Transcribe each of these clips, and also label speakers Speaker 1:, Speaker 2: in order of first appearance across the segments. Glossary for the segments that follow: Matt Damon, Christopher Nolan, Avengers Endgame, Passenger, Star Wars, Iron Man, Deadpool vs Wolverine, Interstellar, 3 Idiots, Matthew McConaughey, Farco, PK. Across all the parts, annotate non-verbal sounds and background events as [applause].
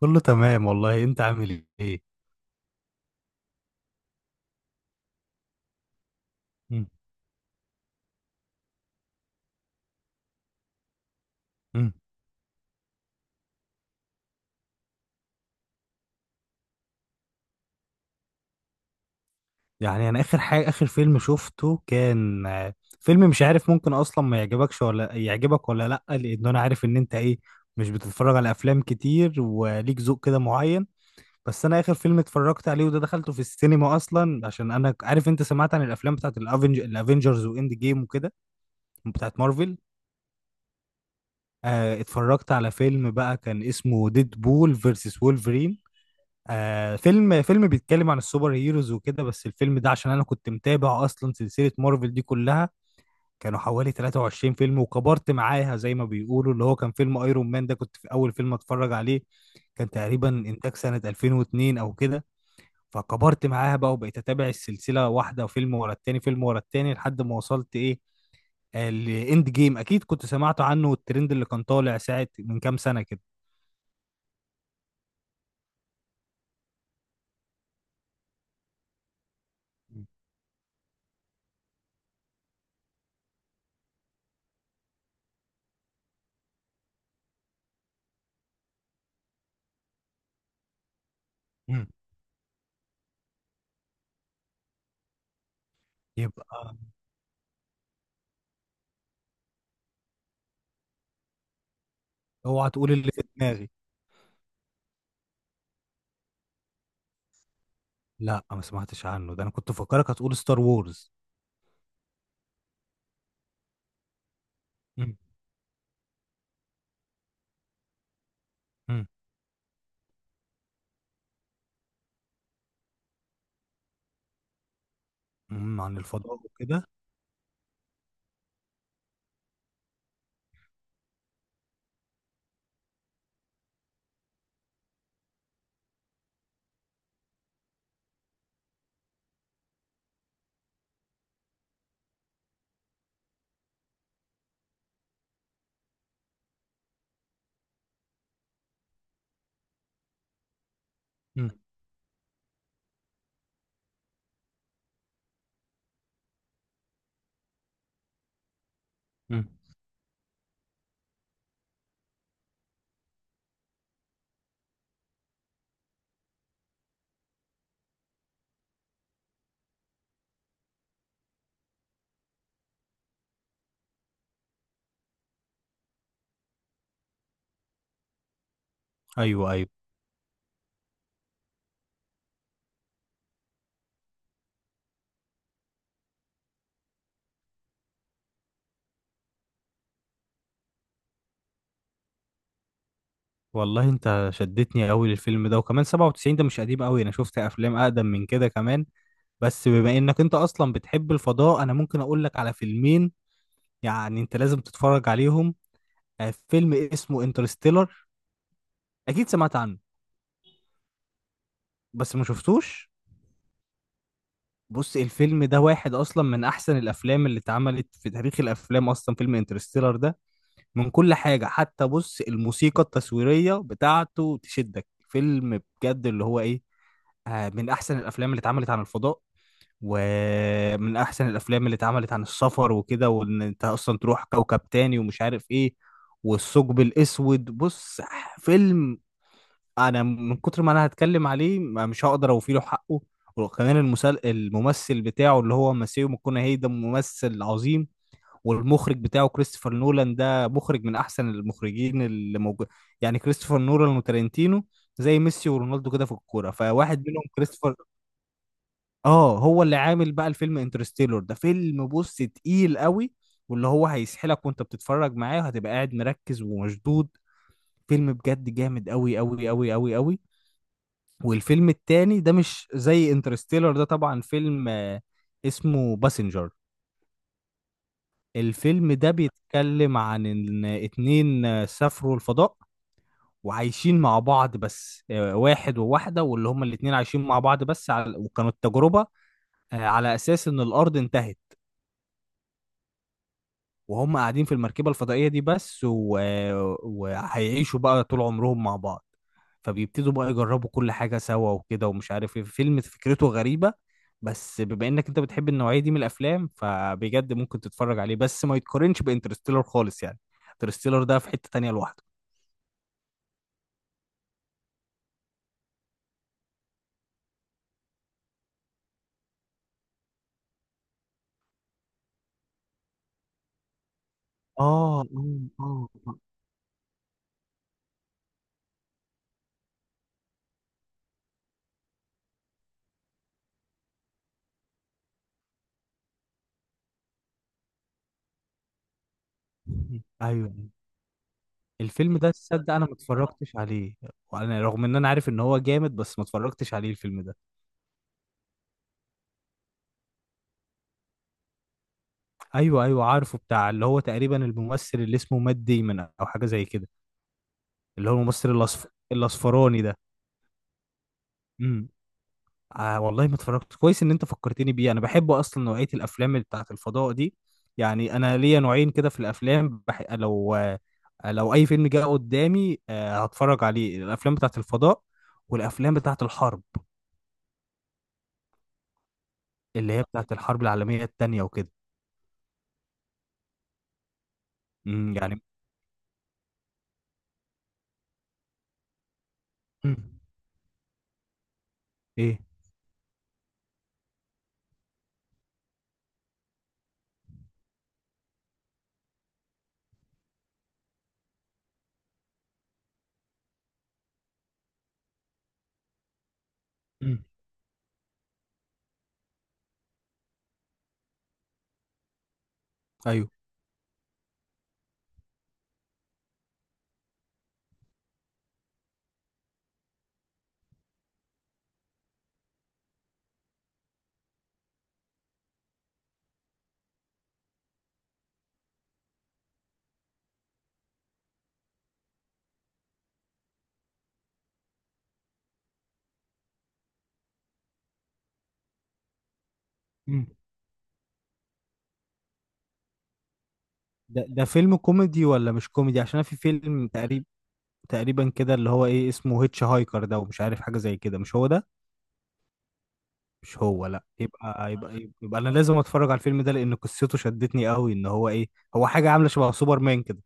Speaker 1: كله تمام والله انت عامل ايه؟ مم. مم. يعني انا اخر فيلم شفته كان. فيلم مش عارف ممكن اصلا ما يعجبكش ولا يعجبك ولا لا، لان انا عارف ان انت ايه، مش بتتفرج على افلام كتير وليك ذوق كده معين. بس انا اخر فيلم اتفرجت عليه وده دخلته في السينما اصلا، عشان انا عارف انت سمعت عن الافلام بتاعت الافنجرز واند جيم وكده، بتاعت مارفل. اتفرجت على فيلم بقى كان اسمه ديد بول فيرسس وولفرين. فيلم بيتكلم عن السوبر هيروز وكده، بس الفيلم ده عشان انا كنت متابع اصلا سلسلة مارفل دي كلها، كانوا حوالي 23 فيلم، وكبرت معاها زي ما بيقولوا، اللي هو كان فيلم ايرون مان ده كنت في اول فيلم اتفرج عليه، كان تقريبا انتاج سنة 2002 او كده. فكبرت معاها بقى وبقيت اتابع السلسلة، واحدة وفيلم ورا التاني، فيلم ورا التاني لحد ما وصلت ايه، الاند جيم اكيد كنت سمعت عنه، والترند اللي كان طالع ساعة من كام سنة كده. مم. يبقى اوعى تقول اللي في دماغي. لا ما سمعتش عنه، ده انا كنت فاكرك هتقول ستار وورز. مم. مم. مم. عن الفضاء وكده. مم. مم. ايوه ايوه. والله انت شدتني قوي للفيلم ده، وكمان 97 ده مش قديم قوي، انا شفت افلام اقدم من كده كمان. بس بما انك انت اصلا بتحب الفضاء انا ممكن اقول لك على فيلمين، يعني انت لازم تتفرج عليهم. فيلم اسمه انترستيلر، اكيد سمعت عنه بس ما شفتوش. بص الفيلم ده واحد اصلا من احسن الافلام اللي اتعملت في تاريخ الافلام اصلا، فيلم انترستيلر ده من كل حاجة، حتى بص الموسيقى التصويرية بتاعته تشدك، فيلم بجد اللي هو ايه، آه، من احسن الافلام اللي اتعملت عن الفضاء، ومن احسن الافلام اللي اتعملت عن السفر وكده، وان انت اصلا تروح كوكب تاني ومش عارف ايه، والثقب الاسود. بص، فيلم، انا من كتر ما انا هتكلم عليه مش هقدر اوفي له حقه. وكمان الممثل بتاعه اللي هو ماسيو ماكونهي ده ممثل عظيم، والمخرج بتاعه كريستوفر نولان ده مخرج من احسن المخرجين اللي موجود، يعني كريستوفر نولان وتارنتينو زي ميسي ورونالدو كده في الكوره، فواحد منهم كريستوفر. اه هو اللي عامل بقى الفيلم انترستيلر ده، فيلم بص تقيل قوي، واللي هو هيسحلك وانت بتتفرج معاه، وهتبقى قاعد مركز ومشدود، فيلم بجد جامد قوي قوي قوي قوي قوي. والفيلم التاني ده مش زي انترستيلر ده طبعا، فيلم اسمه باسنجر. الفيلم ده بيتكلم عن ان اتنين سافروا الفضاء، وعايشين مع بعض، بس واحد وواحدة، واللي هما الاتنين عايشين مع بعض بس، على وكانوا التجربة على اساس ان الارض انتهت، وهم قاعدين في المركبة الفضائية دي بس. وهيعيشوا بقى طول عمرهم مع بعض، فبيبتدوا بقى يجربوا كل حاجة سوا وكده ومش عارف ايه، فيلم فكرته غريبة. بس بما انك انت بتحب النوعية دي من الافلام فبجد ممكن تتفرج عليه، بس ما يتقارنش بانترستيلر خالص يعني، انترستيلر ده في حتة تانية لوحده. اه اه اه آه. ايوه. الفيلم ده تصدق انا ما اتفرجتش عليه. وانا رغم ان انا عارف ان هو جامد بس ما اتفرجتش عليه الفيلم ده. ايوه ايوه عارفه، بتاع اللي هو تقريبا الممثل اللي اسمه مات ديمون او حاجه زي كده، اللي هو الممثل الاصفراني ده. امم. آه والله ما اتفرجت، كويس ان انت فكرتني بيه، انا بحب اصلا نوعيه الافلام اللي بتاعت الفضاء دي. يعني انا ليا نوعين كده في الافلام، لو آه، لو اي فيلم جه قدامي آه هتفرج عليه، الافلام بتاعت الفضاء، والافلام بتاعت الحرب اللي هي بتاعت الحرب العالميه التانيه وكده. يعني. امم. ايه. امم. ايوه. امم. ده فيلم كوميدي ولا مش كوميدي؟ عشان أنا في فيلم تقريبا كده اللي هو ايه، اسمه هيتش هايكر ده ومش عارف حاجه زي كده، مش هو ده؟ مش هو، لا. يبقى انا لازم اتفرج على الفيلم ده، لان قصته شدتني قوي ان هو ايه، هو حاجه عامله شبه سوبرمان كده.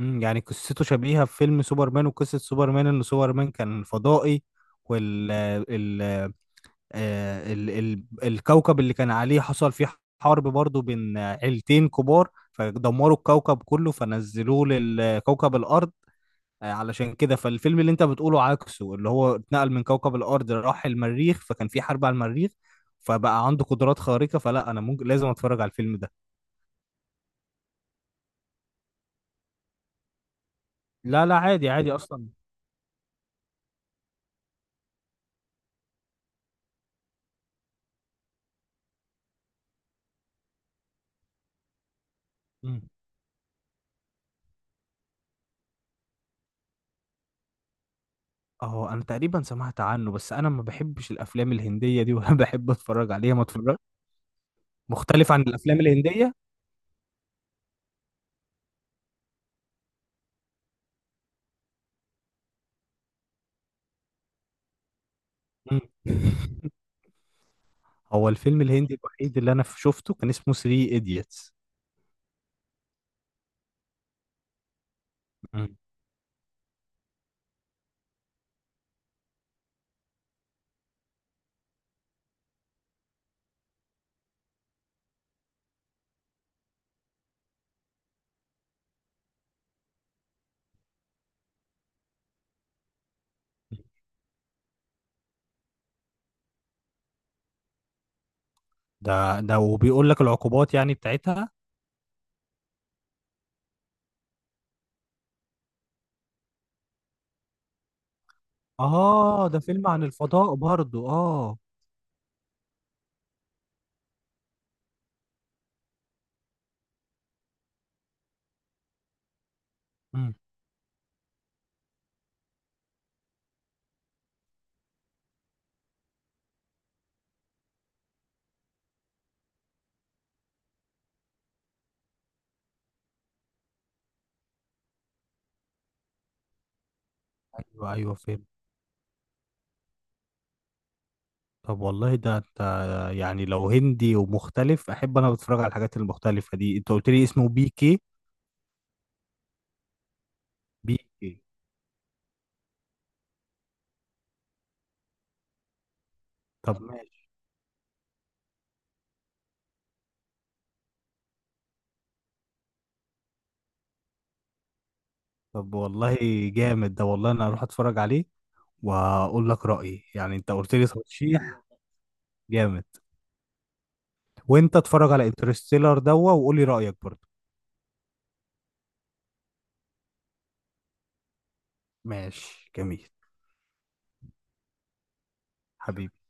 Speaker 1: يعني قصته شبيهه بفيلم سوبرمان، وقصه سوبرمان ان سوبرمان كان فضائي، وال آه، ال ال الكوكب اللي كان عليه حصل فيه حرب برضو بين عيلتين كبار، فدمروا الكوكب كله فنزلوه لكوكب الأرض. علشان كده فالفيلم اللي انت بتقوله عكسه، اللي هو اتنقل من كوكب الأرض راح المريخ، فكان في حرب على المريخ فبقى عنده قدرات خارقة، فلا انا ممكن لازم اتفرج على الفيلم ده. لا لا عادي عادي اصلا. مم. اه انا تقريبا سمعت عنه، بس انا ما بحبش الافلام الهندية دي، ولا [laughs] بحب اتفرج عليها ما اتفرج. مختلف عن الافلام الهندية؟ مم. [laughs] هو الفيلم الهندي الوحيد اللي انا شفته كان اسمه 3 ايديتس. ده وبيقول لك العقوبات يعني بتاعتها؟ اه ده فيلم عن الفضاء برضو، اه. مم. ايوه ايوه فيلم. طب والله ده انت، يعني لو هندي ومختلف احب انا اتفرج على الحاجات المختلفه دي. انت قلت لي اسمه بي كي؟ بي كي. طب ماشي. طب والله جامد ده، والله انا هروح اتفرج عليه واقول لك رايي، يعني انت قلت لي ترشيح جامد. وانت اتفرج على انترستيلر دوا وقول لي رايك برضو. ماشي جميل. حبيبي.